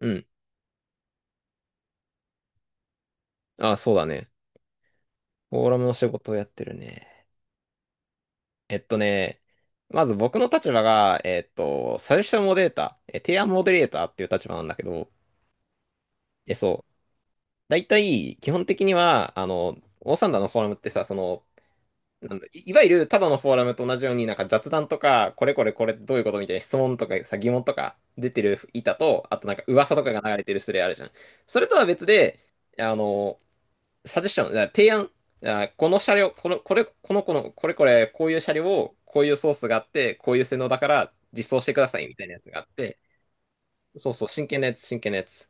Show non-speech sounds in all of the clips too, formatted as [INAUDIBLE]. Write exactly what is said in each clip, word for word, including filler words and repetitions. うん。あ、そうだね。フォーラムの仕事をやってるね。えっとね、まず僕の立場が、えっと、サジェスションモデレーター、え提案モデレーターっていう立場なんだけど、え、そう。だいたい、基本的には、あの、オーサンダーのフォーラムってさ、その、なんだ、い、いわゆるただのフォーラムと同じように、なんか雑談とか、これこれこれどういうことみたいな質問とかさ、疑問とか出てる板と、あとなんか噂とかが流れてるスレあるじゃん。それとは別で、あの、サジェッション、だから提案、あこの車両、この、これ、この、この、これこれ、こういう車両を、こういうソースがあって、こういう性能だから実装してくださいみたいなやつがあって、そうそう、真剣なやつ、真剣なやつ。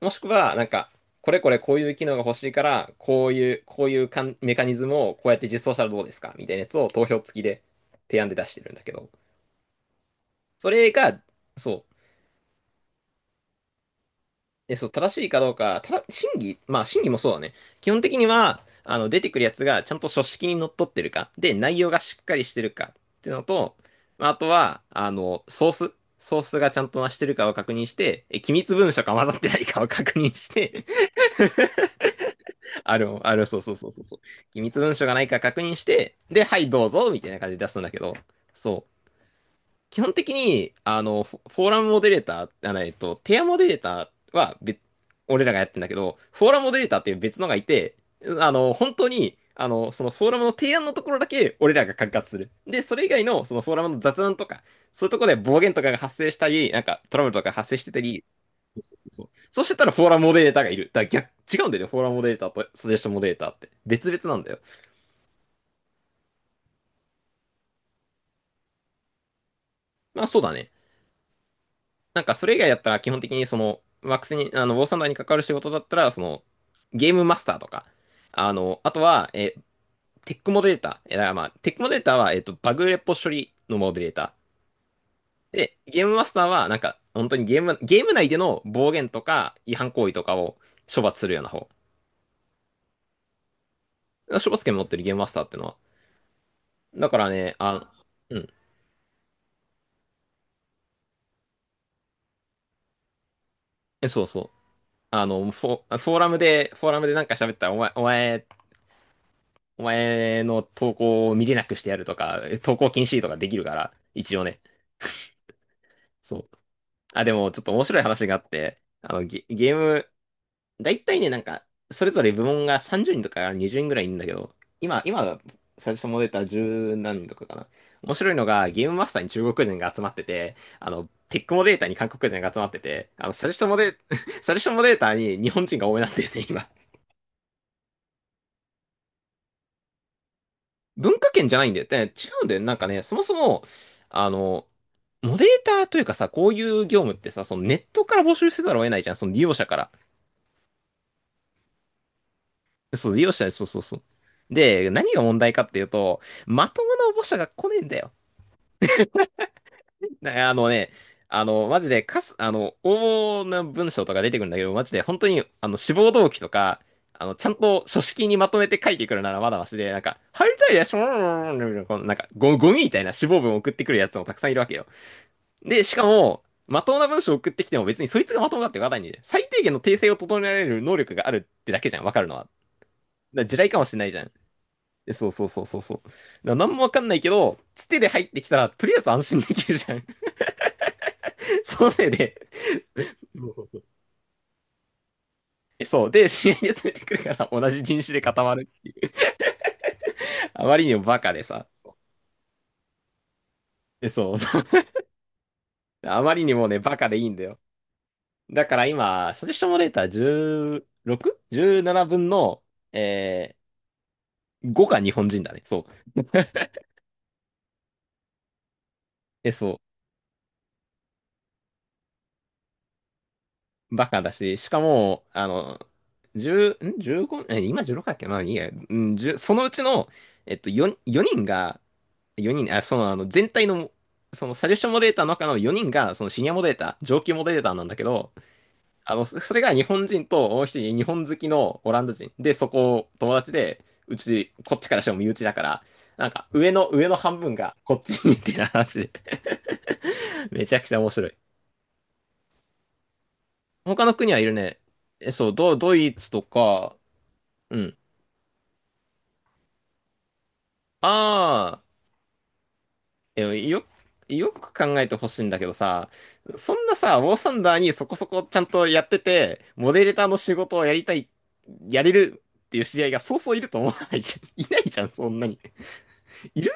もしくは、なんか、これこれこういう機能が欲しいから、こういう、こういうかんメカニズムをこうやって実装したらどうですかみたいなやつを投票付きで提案で出してるんだけど、それが、そう、え、そう、正しいかどうか、ただ、審議、まあ、審議もそうだね。基本的には、あの、出てくるやつがちゃんと書式にのっとってるか、で、内容がしっかりしてるかっていうのと、まあ、あとは、あの、ソース、ソースがちゃんとなしてるかを確認して、え、機密文書が混ざってないかを確認して、[LAUGHS] あの、あの、そうそうそうそうそう、機密文書がないか確認して、で、はい、どうぞ、みたいな感じで出すんだけど、そう。基本的に、あの、フォフォーラムモデレーター、あの、えっと、テアモデレーターは別、俺らがやってんだけど、フォーラムモデレーターっていう別のがいて、あの、本当に、あの、そのフォーラムの提案のところだけ俺らが管轄する。で、それ以外の、そのフォーラムの雑談とか、そういうところで暴言とかが発生したり、なんかトラブルとか発生してたり、そうそうそうそう。そうしてたらフォーラムモデレーターがいる。だから逆、違うんだよね、フォーラムモデレーターとサジェストモデレーターって。別々なんだよ。まあそうだね。なんかそれ以外だったら基本的にその、ワックスに、あの、ウォーサンダーに関わる仕事だったら、その、ゲームマスターとか、あの、あとは、えー、テックモデレーター。えー、だからまあ、テックモデレーターは、えっと、バグレポ処理のモデレーター。で、ゲームマスターは、なんか、本当にゲーム、ゲーム内での暴言とか違反行為とかを処罰するような方。処罰権持ってるゲームマスターってのは。だからね、あ、うん、えそうそう。あの、フォ、フォーラムで、フォーラムでなんか喋ったら、お前、お前、お前の投稿を見れなくしてやるとか、投稿禁止とかできるから、一応ね。そう。あ、でもちょっと面白い話があって、あの、ゲ、ゲーム、だいたいね、なんか、それぞれ部門がさんじゅうにんとかにじゅうにんぐらいいるんだけど、今、今、最初も出たじゅう何人とかかな。面白いのが、ゲームマスターに中国人が集まってて、あの、テックモデーターに韓国人が集まってて、あの、サジェストモデ、[LAUGHS] サジェストモデーターに日本人が多めになってて、今。文化圏じゃないんだよ。で違うんだよ。なんかね、そもそも、あの、モデレーターというかさ、こういう業務ってさ、そのネットから募集せざるを得ないじゃん、その利用者から。そう、利用者、そうそうそう。で、何が問題かっていうと、まともな応募者が来ねえんだよ。だあのね、あの、マジで、かす、あの、応募の文章とか出てくるんだけど、マジで、本当に、あの、志望動機とか、あの、ちゃんと書式にまとめて書いてくるならまだましで、なんか、入りたいです、[LAUGHS] なんか、ゴゴミみたいな志望文を送ってくるやつもたくさんいるわけよ。で、しかも、まともな文章を送ってきても別にそいつがまともだってわかんないんで、最低限の訂正を整えられる能力があるってだけじゃん、わかるのは。だから地雷かもしれないじゃん。でそうそうそうそうそう。だから何もわかんないけど、つてで入ってきたら、とりあえず安心できるじゃん。[LAUGHS] そのせいで、そうそうそう。えそう。で、知り合いで連れてくるから、同じ人種で固まる。あまりにもバカでさ。で、そうそう。[LAUGHS] あまりにもね、バカでいいんだよ。だから今、サジェスションモデレーター じゅうろく?じゅうなな 分の、えー、ごが日本人だね。そう。え、そう、バカだし、しかも、あの、いちん ?じゅうご、え、今じゅうろくだっけまあいいや、うん、いちそのうちの、えっと、よん、四人が、よにん、あ、その、あの、全体の、その、サジェスションモデレーターの中のよにんが、その、シニアモデレーター、上級モデレーターなんだけど、あの、そそれが日本人と、もう一人、日本好きのオランダ人。で、そこ、友達で、うち、こっちからしても身内だから、なんか、上の、上の半分が、こっちにっていう話で、[LAUGHS] めちゃくちゃ面白い。他の国はいるね。え、そう、ド、ドイツとか、うん。ああ、え、よ、よく考えてほしいんだけどさ、そんなさ、ウォーサンダーにそこそこちゃんとやってて、モデレーターの仕事をやりたい、やれるっていう知り合いがそうそういると思わないじゃん。[LAUGHS] いないじゃん、そんなに。いる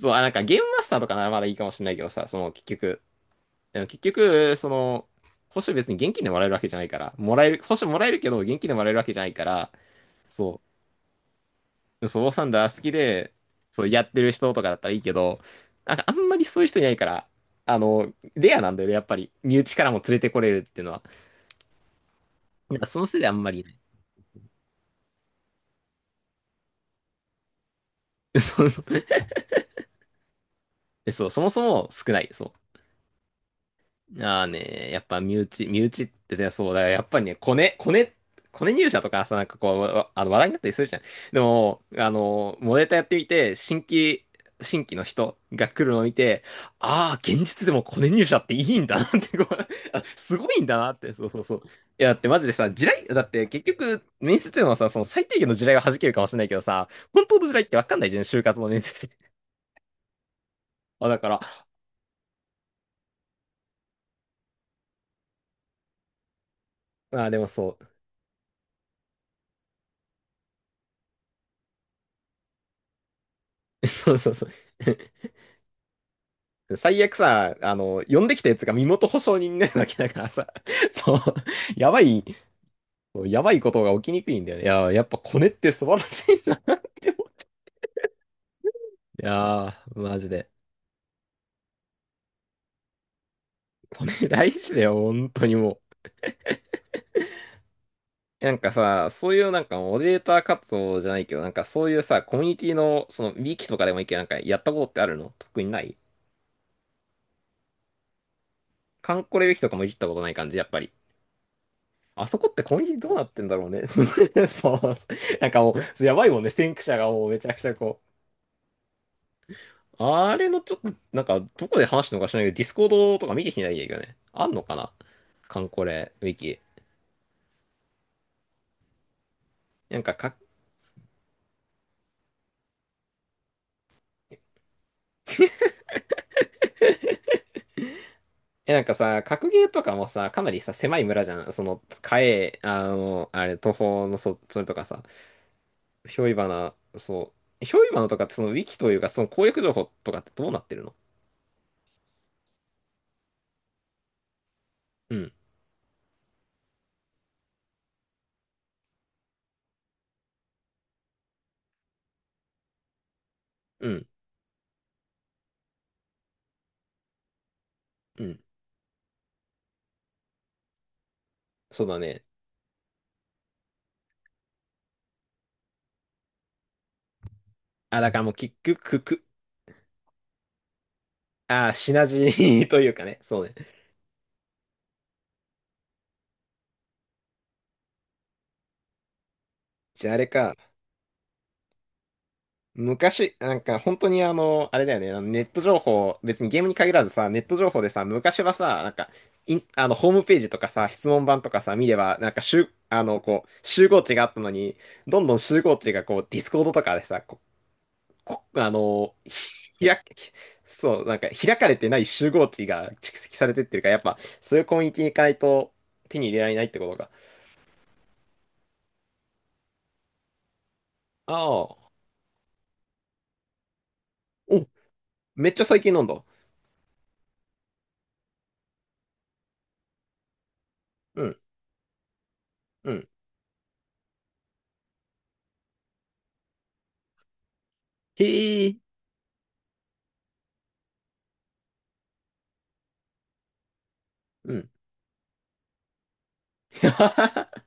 そう、あ、なんかゲームマスターとかならまだいいかもしれないけどさ、その結局、でも結局、その、報酬別に現金でもらえるわけじゃないから、もらえる、報酬もらえるけど、現金でもらえるわけじゃないから、そう。そう、ウォーサンダー好きで、そう、やってる人とかだったらいいけど、なんかあんまりそういう人いないから、あの、レアなんだよね、やっぱり。身内からも連れてこれるっていうのは。なんかそのせいであんまりいない。[LAUGHS] そうそう、そうそもそも少ない。そう。ああね、やっぱ身内、身内ってね、そうだよ。やっぱりね、コネ、コネ、コネ入社とかさ、なんかこう、わあの話題になったりするじゃん。でも、あの、モデルやってみて、新規、新規の人が来るのを見て、ああ、現実でもコネ入社っていいんだなって、こう、あすごいんだなって、そうそうそう。いや、だってマジでさ、地雷、だって結局、面接でもさ、その最低限の地雷は弾けるかもしれないけどさ、本当の地雷ってわかんないじゃん、就活の面接で。あ、だから、ああ、でもそう。[LAUGHS] そうそうそう。最悪さ、あの、呼んできたやつが身元保証人になるわけだからさ、[LAUGHS] そう、やばい、やばいことが起きにくいんだよね。いややっぱコネって素晴らしいなって思う。いやー、マジで。コネ [LAUGHS] 大事だよ、本当にもう。なんかさ、そういうなんかモデレーター活動じゃないけど、なんかそういうさ、コミュニティの、その、ウィキとかでもいいけど、なんかやったことってあるの特にない？カンコレウィキとかもいじったことない感じ、やっぱり。あそこってコミュニティどうなってんだろうね。[LAUGHS] そう、なんかもう、やばいもんね、先駆者がもうめちゃくちゃこう。あれのちょっと、なんか、どこで話したのか知らないけど、ディスコードとか見てきてないんだけどね。あんのかなカンコレ、ウィキ。なんか、か、え、なんかさ、格ゲーとかもさ、かなりさ、狭い村じゃん。その、カエ、あの、あれ、東方の、そ、それとかさ、ひょいばな、そう、ひょいばなとか、その、ウィキというか、その攻略情報とかってどうなってるの？うん、うん、うん。そうだね。あ、だからもう、キック、クク、あ、シナジー [LAUGHS] というかね、そうね。じゃああれか。昔、なんか本当にあの、あれだよね、あのネット情報、別にゲームに限らずさ、ネット情報でさ、昔はさ、なんか、インあの、ホームページとかさ、質問板とかさ、見れば、なんか集、あの、こう、集合値があったのに、どんどん集合値がこう、ディスコードとかでさ、こ、こ、あの、ひ開け、そう、なんか開かれてない集合値が蓄積されてってるから、やっぱ、そういうコミュニティに行かないと手に入れられないってことか。ああ、お、めっちゃ最近飲んだ。うん、うん。へえ、うん。[LAUGHS]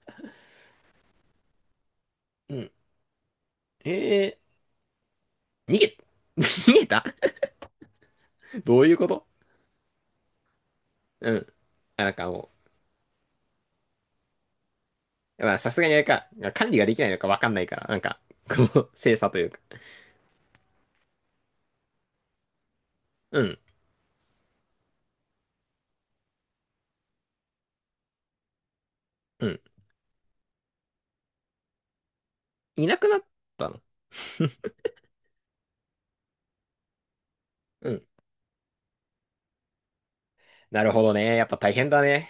うん。えー、逃げ、[LAUGHS] 逃げたどういうこと？うん。あなんかもう、まあさすがにあれか、管理ができないのかわかんないから、なんか、こう、[LAUGHS] 精査というか。うん、うん。いなくなったの？ [LAUGHS] うん。なるほどね。やっぱ大変だね。